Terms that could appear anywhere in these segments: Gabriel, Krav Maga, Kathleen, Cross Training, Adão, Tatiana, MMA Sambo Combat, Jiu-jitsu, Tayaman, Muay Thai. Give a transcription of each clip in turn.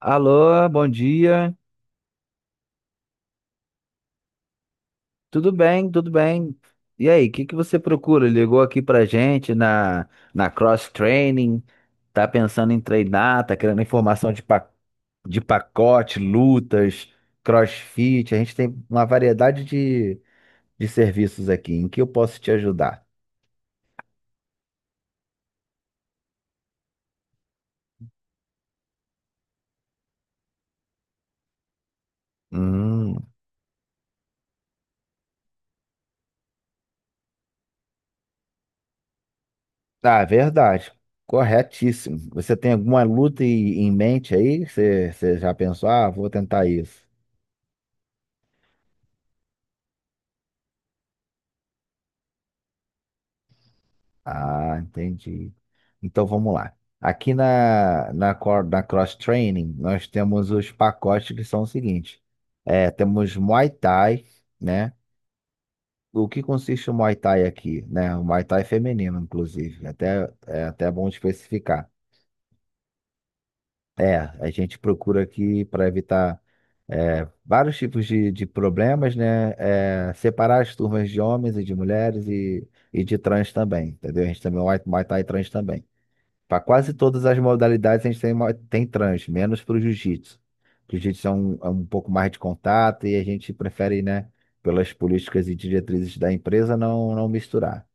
Alô, bom dia. Tudo bem, tudo bem. E aí, o que que você procura? Ligou aqui pra gente na Cross Training? Tá pensando em treinar? Tá querendo informação de pacote, lutas, CrossFit? A gente tem uma variedade de serviços aqui. Em que eu posso te ajudar? Hum, tá, verdade. Corretíssimo. Você tem alguma luta em mente aí? Você já pensou? Ah, vou tentar isso. Ah, entendi. Então vamos lá. Aqui na Cross Training, nós temos os pacotes que são os seguintes. É, temos Muay Thai, né? O que consiste o Muay Thai aqui, né? O Muay Thai feminino, inclusive. É até bom especificar. É, a gente procura aqui para evitar vários tipos de problemas, né? É, separar as turmas de homens e de mulheres e de trans também, entendeu? A gente também, Muay Thai trans também. Para quase todas as modalidades a gente tem trans, menos para o jiu-jitsu. O Jiu-jitsu é um pouco mais de contato e a gente prefere, né, pelas políticas e diretrizes da empresa, não, não misturar.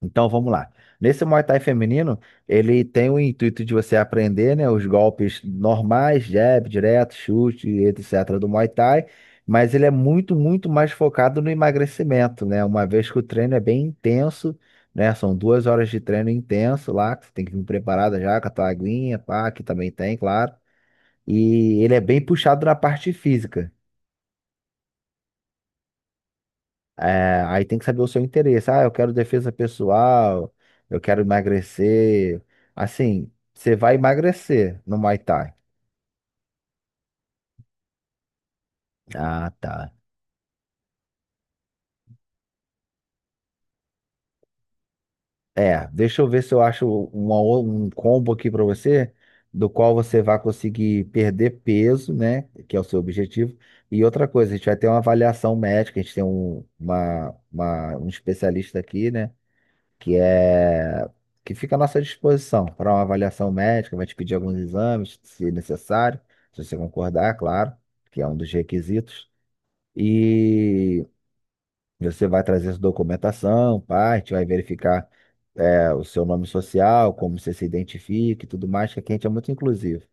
Então vamos lá. Nesse Muay Thai feminino, ele tem o intuito de você aprender, né, os golpes normais, jab, direto, chute, etc. do Muay Thai, mas ele é muito, muito mais focado no emagrecimento, né? Uma vez que o treino é bem intenso, né? São 2 horas de treino intenso lá, que você tem que vir preparada já com a tua aguinha, pá, que também tem, claro. E ele é bem puxado na parte física. É, aí tem que saber o seu interesse. Ah, eu quero defesa pessoal, eu quero emagrecer. Assim, você vai emagrecer no Muay Thai. Ah, tá. É, deixa eu ver se eu acho um combo aqui pra você, do qual você vai conseguir perder peso, né? Que é o seu objetivo. E outra coisa, a gente vai ter uma avaliação médica, a gente tem um especialista aqui, né? que é que fica à nossa disposição para uma avaliação médica, vai te pedir alguns exames, se necessário, se você concordar, claro, que é um dos requisitos. E você vai trazer sua documentação, vai verificar o seu nome social, como você se identifica e tudo mais, que aqui a gente é muito inclusivo.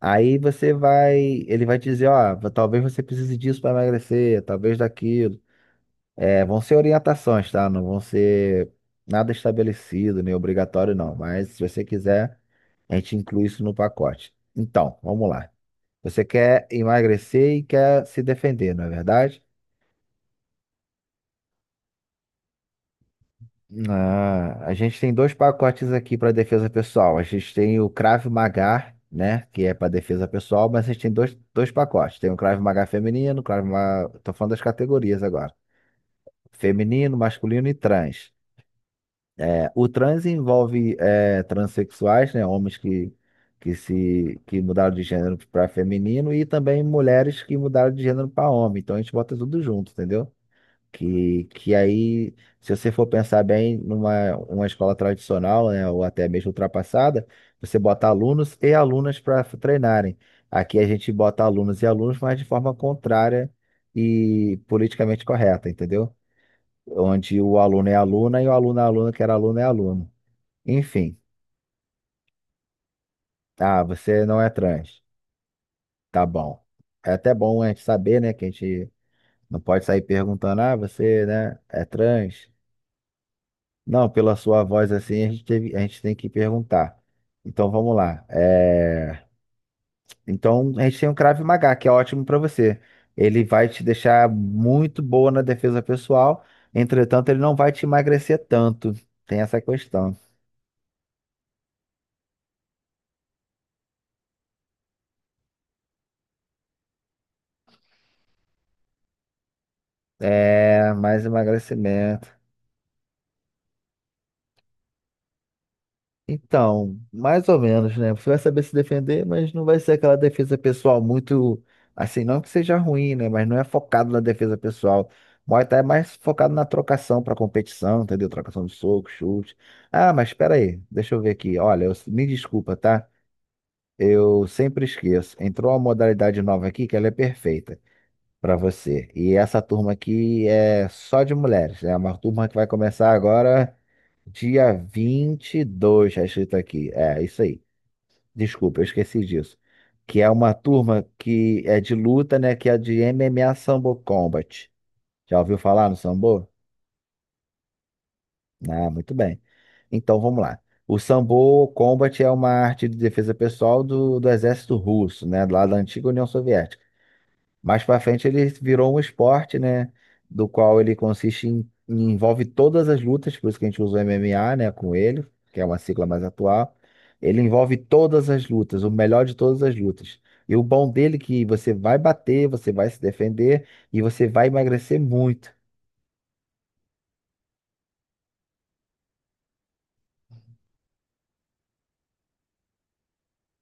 Aí você vai, ele vai dizer, ó, talvez você precise disso para emagrecer, talvez daquilo. É, vão ser orientações, tá? Não vão ser nada estabelecido, nem obrigatório, não. Mas se você quiser, a gente inclui isso no pacote. Então, vamos lá. Você quer emagrecer e quer se defender, não é verdade? Ah, a gente tem dois pacotes aqui para defesa pessoal. A gente tem o Krav Maga, né? Que é para defesa pessoal, mas a gente tem dois pacotes. Tem o Krav Maga feminino, Krav Maga... Tô falando das categorias agora. Feminino, masculino e trans. É, o trans envolve transexuais, né, homens que se que mudaram de gênero para feminino e também mulheres que mudaram de gênero para homem. Então a gente bota tudo junto, entendeu? Que aí, se você for pensar bem numa uma escola tradicional, né, ou até mesmo ultrapassada, você bota alunos e alunas para treinarem. Aqui a gente bota alunos e alunos, mas de forma contrária e politicamente correta, entendeu? Onde o aluno é aluna e o aluno é aluno, que era aluno é aluno. Enfim, ah, você não é trans. Tá bom. É até bom a gente saber, né, que a gente não pode sair perguntando, ah, você, né, é trans? Não, pela sua voz assim, a gente tem que perguntar. Então vamos lá. Então a gente tem um Krav Maga, que é ótimo para você. Ele vai te deixar muito boa na defesa pessoal, entretanto, ele não vai te emagrecer tanto. Tem essa questão. É, mais emagrecimento. Então, mais ou menos, né? Você vai saber se defender, mas não vai ser aquela defesa pessoal muito assim, não que seja ruim, né? Mas não é focado na defesa pessoal. Muay Thai é mais focado na trocação para competição, entendeu? Trocação de soco, chute. Ah, mas espera aí, deixa eu ver aqui. Olha, me desculpa, tá? Eu sempre esqueço. Entrou uma modalidade nova aqui que ela é perfeita para você. E essa turma aqui é só de mulheres, né? É uma turma que vai começar agora dia 22, está escrito aqui. É, isso aí. Desculpa, eu esqueci disso. Que é uma turma que é de luta, né? Que é de MMA Sambo Combat. Já ouviu falar no Sambo? Ah, muito bem. Então vamos lá. O Sambo Combat é uma arte de defesa pessoal do exército russo, né? Lá da antiga União Soviética. Mais para frente ele virou um esporte, né? Do qual ele consiste em, envolve todas as lutas, por isso que a gente usa o MMA, né? Com ele, que é uma sigla mais atual. Ele envolve todas as lutas, o melhor de todas as lutas. E o bom dele é que você vai bater, você vai se defender e você vai emagrecer muito.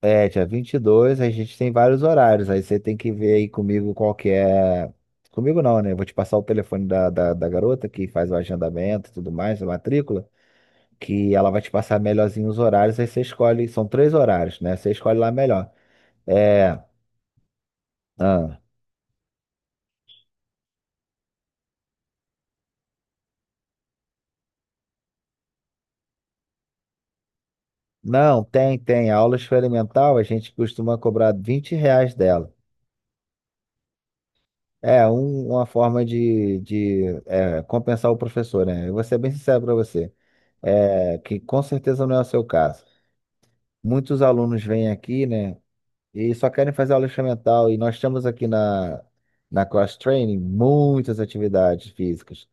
Dia 22. A gente tem vários horários, aí você tem que ver aí comigo qual que é. Comigo não, né? Eu vou te passar o telefone da garota que faz o agendamento e tudo mais, a matrícula. Que ela vai te passar melhorzinho os horários, aí você escolhe, são três horários, né? Você escolhe lá melhor. É, ah, não, tem, tem. A aula experimental a gente costuma cobrar R$ 20 dela. É uma forma de compensar o professor, né? Eu vou ser bem sincero para você, que com certeza não é o seu caso. Muitos alunos vêm aqui, né, e só querem fazer aula experimental, e nós temos aqui na, na Cross Training muitas atividades físicas.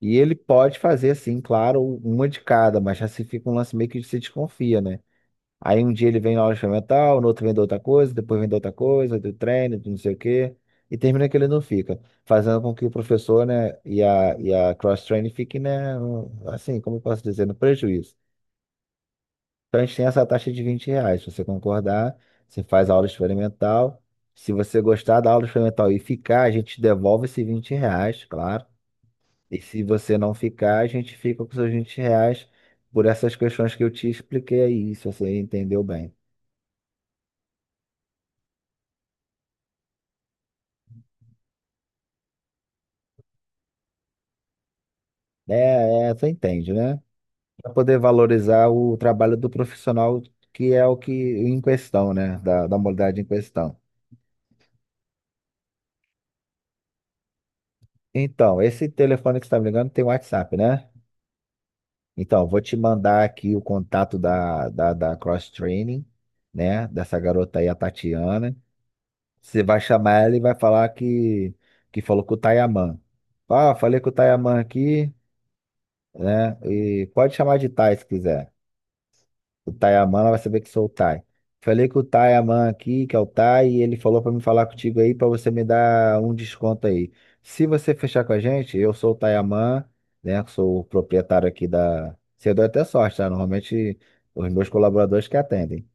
E ele pode fazer, assim, claro, uma de cada, mas já se fica um lance meio que se desconfia, né? Aí um dia ele vem na aula experimental, no outro vem da outra coisa, depois vem da outra coisa, do treino, de não sei o quê, e termina que ele não fica, fazendo com que o professor, né, e a cross-training fiquem, né, assim, como eu posso dizer, no prejuízo. Então a gente tem essa taxa de R$ 20, se você concordar, você faz a aula experimental, se você gostar da aula experimental e ficar, a gente devolve esse R$ 20, claro. E se você não ficar, a gente fica com seus R$ 20 por essas questões que eu te expliquei aí, se você entendeu bem. É, é, você entende, né? Para poder valorizar o trabalho do profissional, que é o que em questão, né? Da, da modalidade em questão. Então, esse telefone que você está me ligando tem WhatsApp, né? Então, vou te mandar aqui o contato da Cross Training, né? Dessa garota aí, a Tatiana. Você vai chamar ela e vai falar que falou com o Tayaman. Ah, falei com o Tayaman aqui, né? E pode chamar de Tai se quiser. O Tayaman, ela vai saber que sou o Tai. Falei com o Tayaman aqui, que é o Tai, e ele falou pra me falar contigo aí, pra você me dar um desconto aí. Se você fechar com a gente, eu sou o Tayaman, né? Que sou o proprietário aqui da. Você deu até sorte, tá? Normalmente os meus colaboradores que atendem.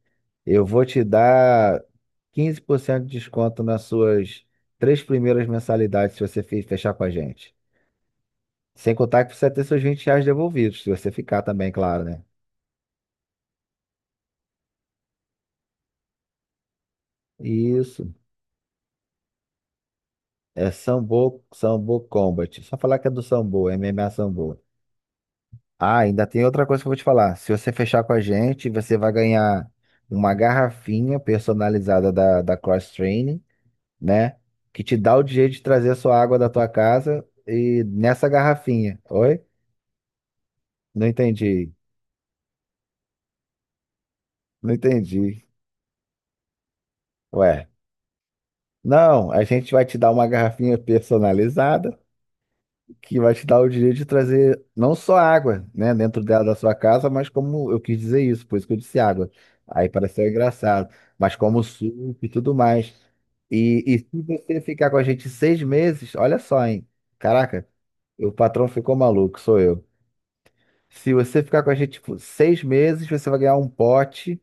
Eu vou te dar 15% de desconto nas suas três primeiras mensalidades se você fechar com a gente. Sem contar que você vai ter seus R$ 20 devolvidos, se você ficar também, claro, né? Isso. É Sambo, Sambo Combat. Só falar que é do Sambo, MMA Sambo. Ah, ainda tem outra coisa que eu vou te falar. Se você fechar com a gente, você vai ganhar uma garrafinha personalizada da Cross Training, né? Que te dá o direito de trazer a sua água da tua casa e nessa garrafinha. Oi? Não entendi, não entendi. Ué, não, a gente vai te dar uma garrafinha personalizada que vai te dar o direito de trazer não só água, né, dentro dela da sua casa, mas como eu quis dizer isso, por isso que eu disse água. Aí pareceu engraçado, mas como suco e tudo mais. E se você ficar com a gente 6 meses, olha só, hein? Caraca, o patrão ficou maluco, sou eu. Se você ficar com a gente tipo, 6 meses, você vai ganhar um pote.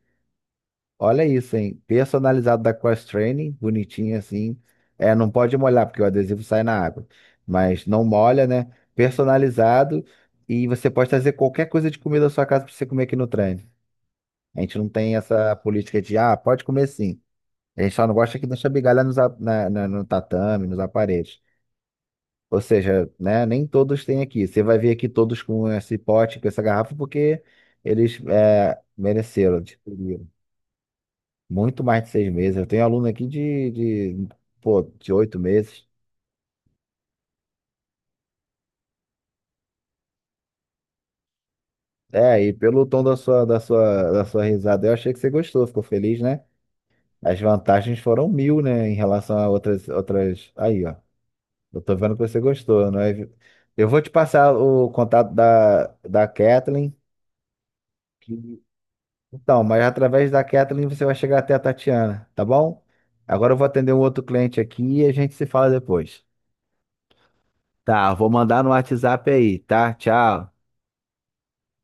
Olha isso, hein? Personalizado da Cross Training, bonitinho assim. É, não pode molhar, porque o adesivo sai na água. Mas não molha, né? Personalizado. E você pode trazer qualquer coisa de comida da sua casa pra você comer aqui no trem. A gente não tem essa política de, ah, pode comer sim. A gente só não gosta que deixa migalha nos, a- na, na- no tatame, nos aparelhos. Ou seja, né, nem todos têm aqui. Você vai ver aqui todos com esse pote, com essa garrafa, porque eles mereceram. Tipo, muito mais de 6 meses. Eu tenho aluno aqui de, de 8 meses. É, e pelo tom da sua risada, eu achei que você gostou, ficou feliz, né? As vantagens foram mil, né, em relação a outras, outras. Aí, ó. Eu tô vendo que você gostou, não é? Eu vou te passar o contato da Kathleen. que- Então, mas através da Kathleen você vai chegar até a Tatiana, tá bom? Agora eu vou atender um outro cliente aqui e a gente se fala depois. Tá, vou mandar no WhatsApp aí, tá? Tchau.